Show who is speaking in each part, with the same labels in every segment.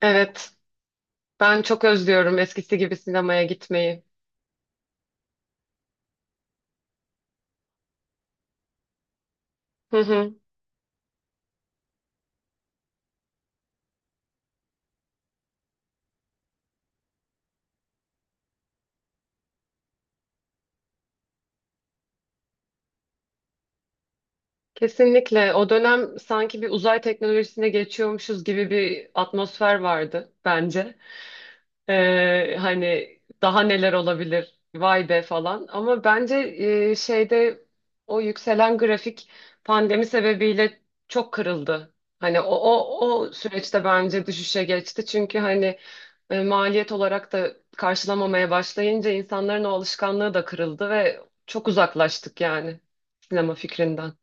Speaker 1: Evet, ben çok özlüyorum eskisi gibi sinemaya gitmeyi. Hı hı. Kesinlikle. O dönem sanki bir uzay teknolojisine geçiyormuşuz gibi bir atmosfer vardı bence. Hani daha neler olabilir vay be falan ama bence şeyde o yükselen grafik pandemi sebebiyle çok kırıldı. Hani o süreçte bence düşüşe geçti çünkü hani maliyet olarak da karşılamamaya başlayınca insanların o alışkanlığı da kırıldı ve çok uzaklaştık yani sinema fikrinden.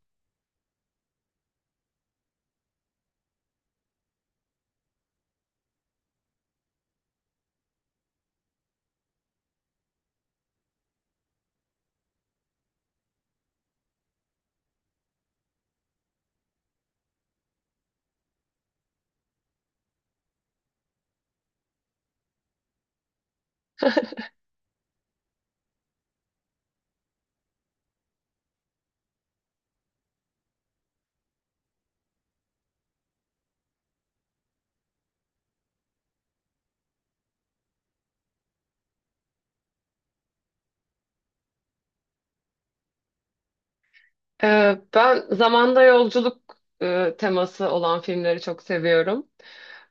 Speaker 1: Ben zamanda yolculuk teması olan filmleri çok seviyorum.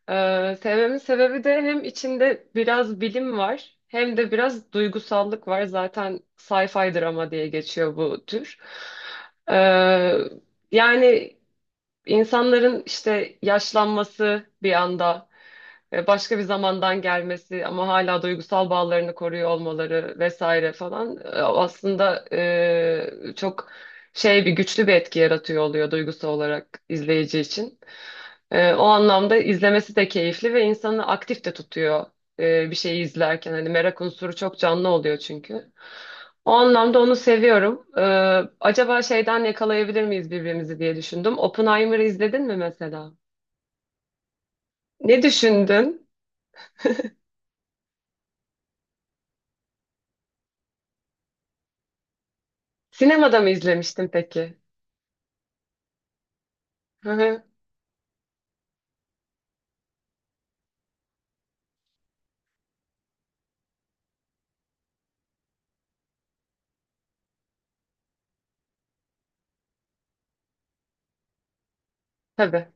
Speaker 1: Sevmemin sebebi de hem içinde biraz bilim var hem de biraz duygusallık var. Zaten sci-fi drama diye geçiyor bu tür. Ee, yani insanların işte yaşlanması bir anda, başka bir zamandan gelmesi ama hala duygusal bağlarını koruyor olmaları vesaire falan aslında çok şey bir güçlü bir etki yaratıyor oluyor duygusal olarak izleyici için. O anlamda izlemesi de keyifli ve insanı aktif de tutuyor bir şeyi izlerken. Hani merak unsuru çok canlı oluyor çünkü. O anlamda onu seviyorum. Acaba şeyden yakalayabilir miyiz birbirimizi diye düşündüm. Oppenheimer'ı izledin mi mesela? Ne düşündün? Sinemada mı izlemiştin peki? Hı hı. Tabii.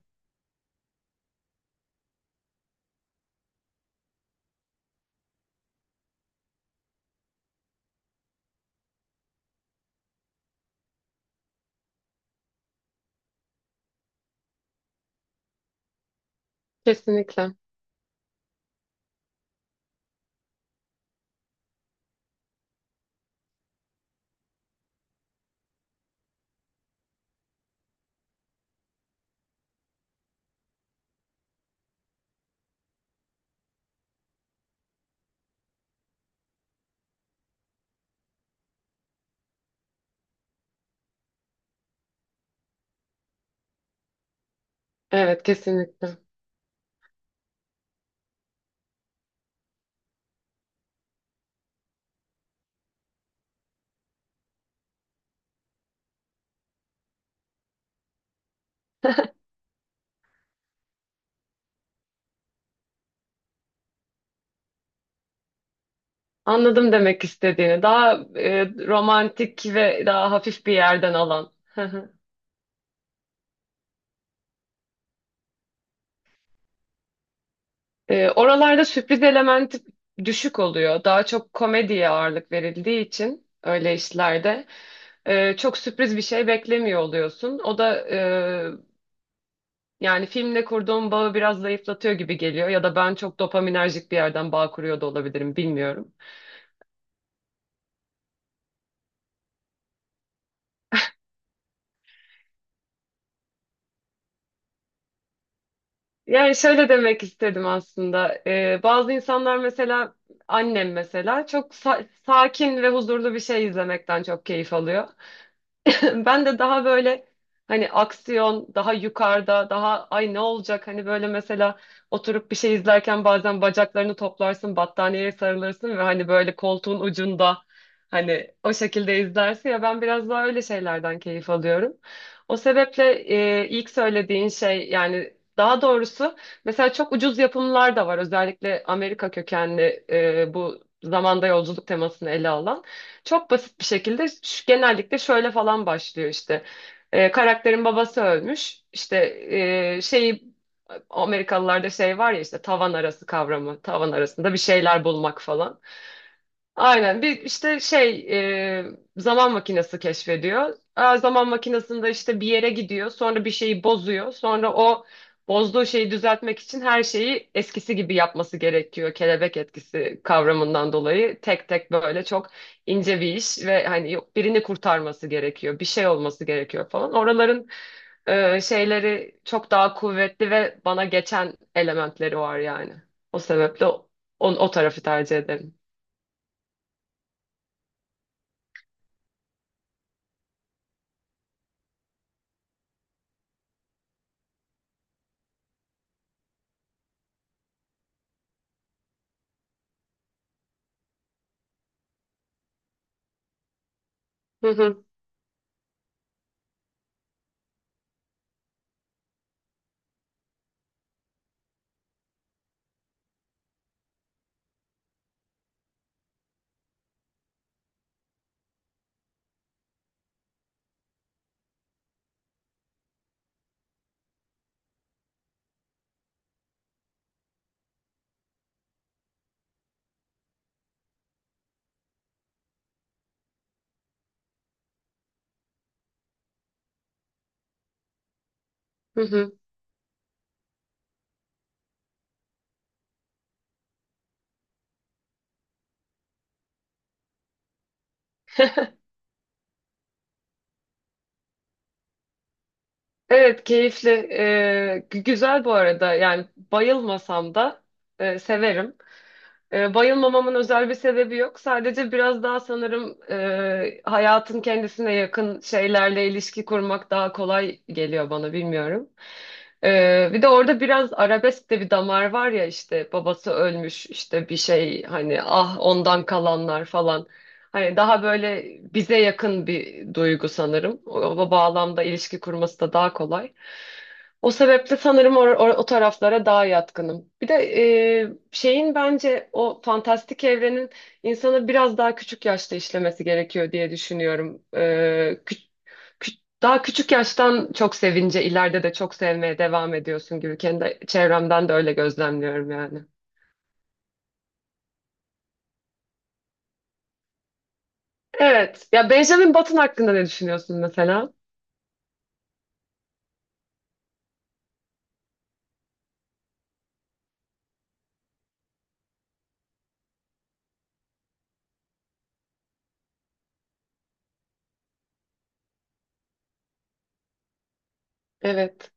Speaker 1: Kesinlikle. Evet, kesinlikle. Anladım demek istediğini. Daha romantik ve daha hafif bir yerden alan. Oralarda sürpriz elementi düşük oluyor. Daha çok komediye ağırlık verildiği için öyle işlerde çok sürpriz bir şey beklemiyor oluyorsun. O da yani filmle kurduğum bağı biraz zayıflatıyor gibi geliyor. Ya da ben çok dopaminerjik bir yerden bağ kuruyor da olabilirim, bilmiyorum. Yani şöyle demek istedim aslında. Bazı insanlar mesela annem mesela çok sakin ve huzurlu bir şey izlemekten çok keyif alıyor. Ben de daha böyle hani aksiyon, daha yukarıda, daha ay ne olacak hani böyle mesela oturup bir şey izlerken bazen bacaklarını toplarsın, battaniyeye sarılırsın ve hani böyle koltuğun ucunda hani o şekilde izlersin ya ben biraz daha öyle şeylerden keyif alıyorum. O sebeple ilk söylediğin şey yani daha doğrusu mesela çok ucuz yapımlar da var özellikle Amerika kökenli bu zamanda yolculuk temasını ele alan. Çok basit bir şekilde genellikle şöyle falan başlıyor işte. Karakterin babası ölmüş. İşte şeyi Amerikalılarda şey var ya işte tavan arası kavramı. Tavan arasında bir şeyler bulmak falan. Aynen bir işte şey e, zaman makinesi keşfediyor. Aa, zaman makinesinde işte bir yere gidiyor sonra bir şeyi bozuyor. Sonra o bozduğu şeyi düzeltmek için her şeyi eskisi gibi yapması gerekiyor. Kelebek etkisi kavramından dolayı tek tek böyle çok ince bir iş ve hani yok birini kurtarması gerekiyor bir şey olması gerekiyor falan. Oraların şeyleri çok daha kuvvetli ve bana geçen elementleri var yani. O sebeple o tarafı tercih ederim. Hı hı, hı hı. Evet keyifli. Güzel bu arada. Yani bayılmasam da severim. Bayılmamamın özel bir sebebi yok. Sadece biraz daha sanırım hayatın kendisine yakın şeylerle ilişki kurmak daha kolay geliyor bana bilmiyorum. Bir de orada biraz arabesk de bir damar var ya işte babası ölmüş işte bir şey hani ah ondan kalanlar falan. Hani daha böyle bize yakın bir duygu sanırım. O bağlamda ilişki kurması da daha kolay. O sebeple sanırım or or o taraflara daha yatkınım. Bir de şeyin bence o fantastik evrenin insanı biraz daha küçük yaşta işlemesi gerekiyor diye düşünüyorum. Daha küçük yaştan çok sevince ileride de çok sevmeye devam ediyorsun gibi kendi çevremden de öyle gözlemliyorum yani. Evet. Ya Benjamin Button hakkında ne düşünüyorsun mesela? Evet.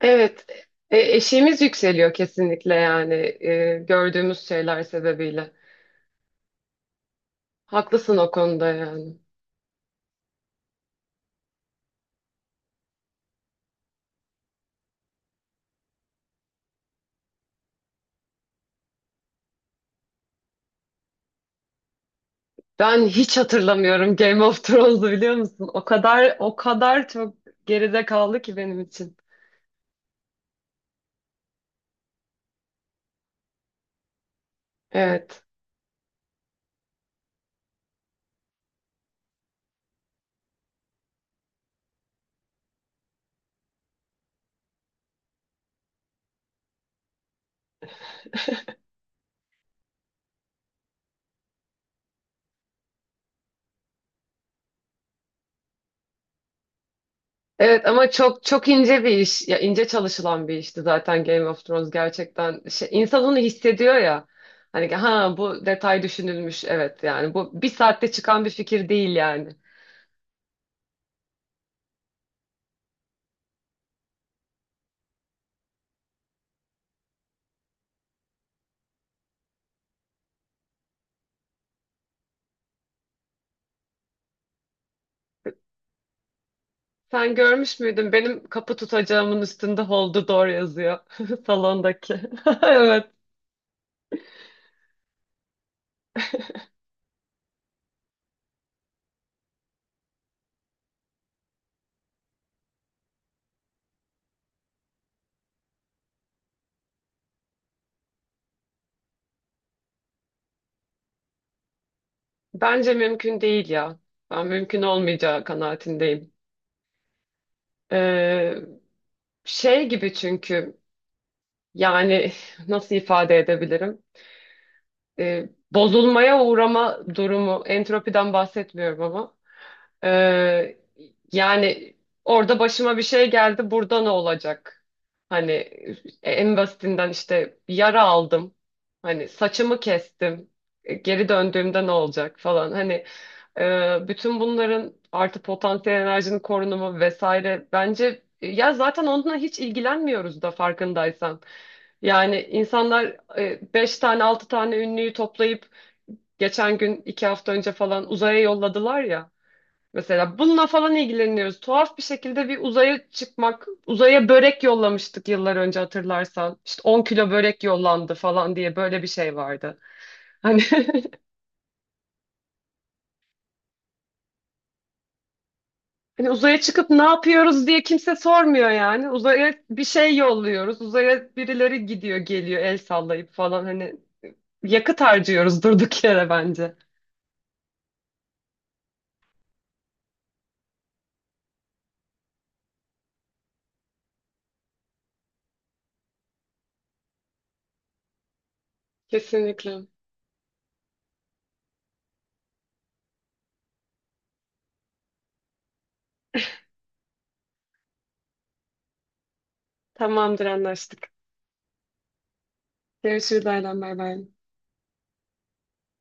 Speaker 1: Evet. Eşiğimiz yükseliyor kesinlikle yani gördüğümüz şeyler sebebiyle. Haklısın o konuda yani. Ben hiç hatırlamıyorum Game of Thrones'u biliyor musun? O kadar çok geride kaldı ki benim için. Evet. Evet ama çok çok ince bir iş. Ya ince çalışılan bir işti zaten Game of Thrones gerçekten. Şey, insan onu hissediyor ya. Hani ha bu detay düşünülmüş evet yani bu bir saatte çıkan bir fikir değil yani. Sen görmüş müydün? Benim kapı tutacağımın üstünde Hold the Door yazıyor. Salondaki. Evet. Bence mümkün değil ya. Ben mümkün olmayacağı kanaatindeyim. Ee, şey gibi çünkü yani nasıl ifade edebilirim? Bozulmaya uğrama durumu. Entropiden bahsetmiyorum. Ee, yani orada başıma bir şey geldi, burada ne olacak? Hani en basitinden işte bir yara aldım. Hani saçımı kestim. Geri döndüğümde ne olacak falan. Hani bütün bunların artı potansiyel enerjinin korunumu vesaire bence ya zaten onunla hiç ilgilenmiyoruz da farkındaysan. Yani insanlar beş tane altı tane ünlüyü toplayıp geçen gün iki hafta önce falan uzaya yolladılar ya. Mesela bununla falan ilgileniyoruz. Tuhaf bir şekilde bir uzaya çıkmak, uzaya börek yollamıştık yıllar önce hatırlarsan. İşte 10 kilo börek yollandı falan diye böyle bir şey vardı. Hani, hani uzaya çıkıp ne yapıyoruz diye kimse sormuyor yani. Uzaya bir şey yolluyoruz. Uzaya birileri gidiyor, geliyor el sallayıp falan hani yakıt harcıyoruz durduk yere bence. Kesinlikle. Tamamdır anlaştık. Görüşürüz Aylan bay bay.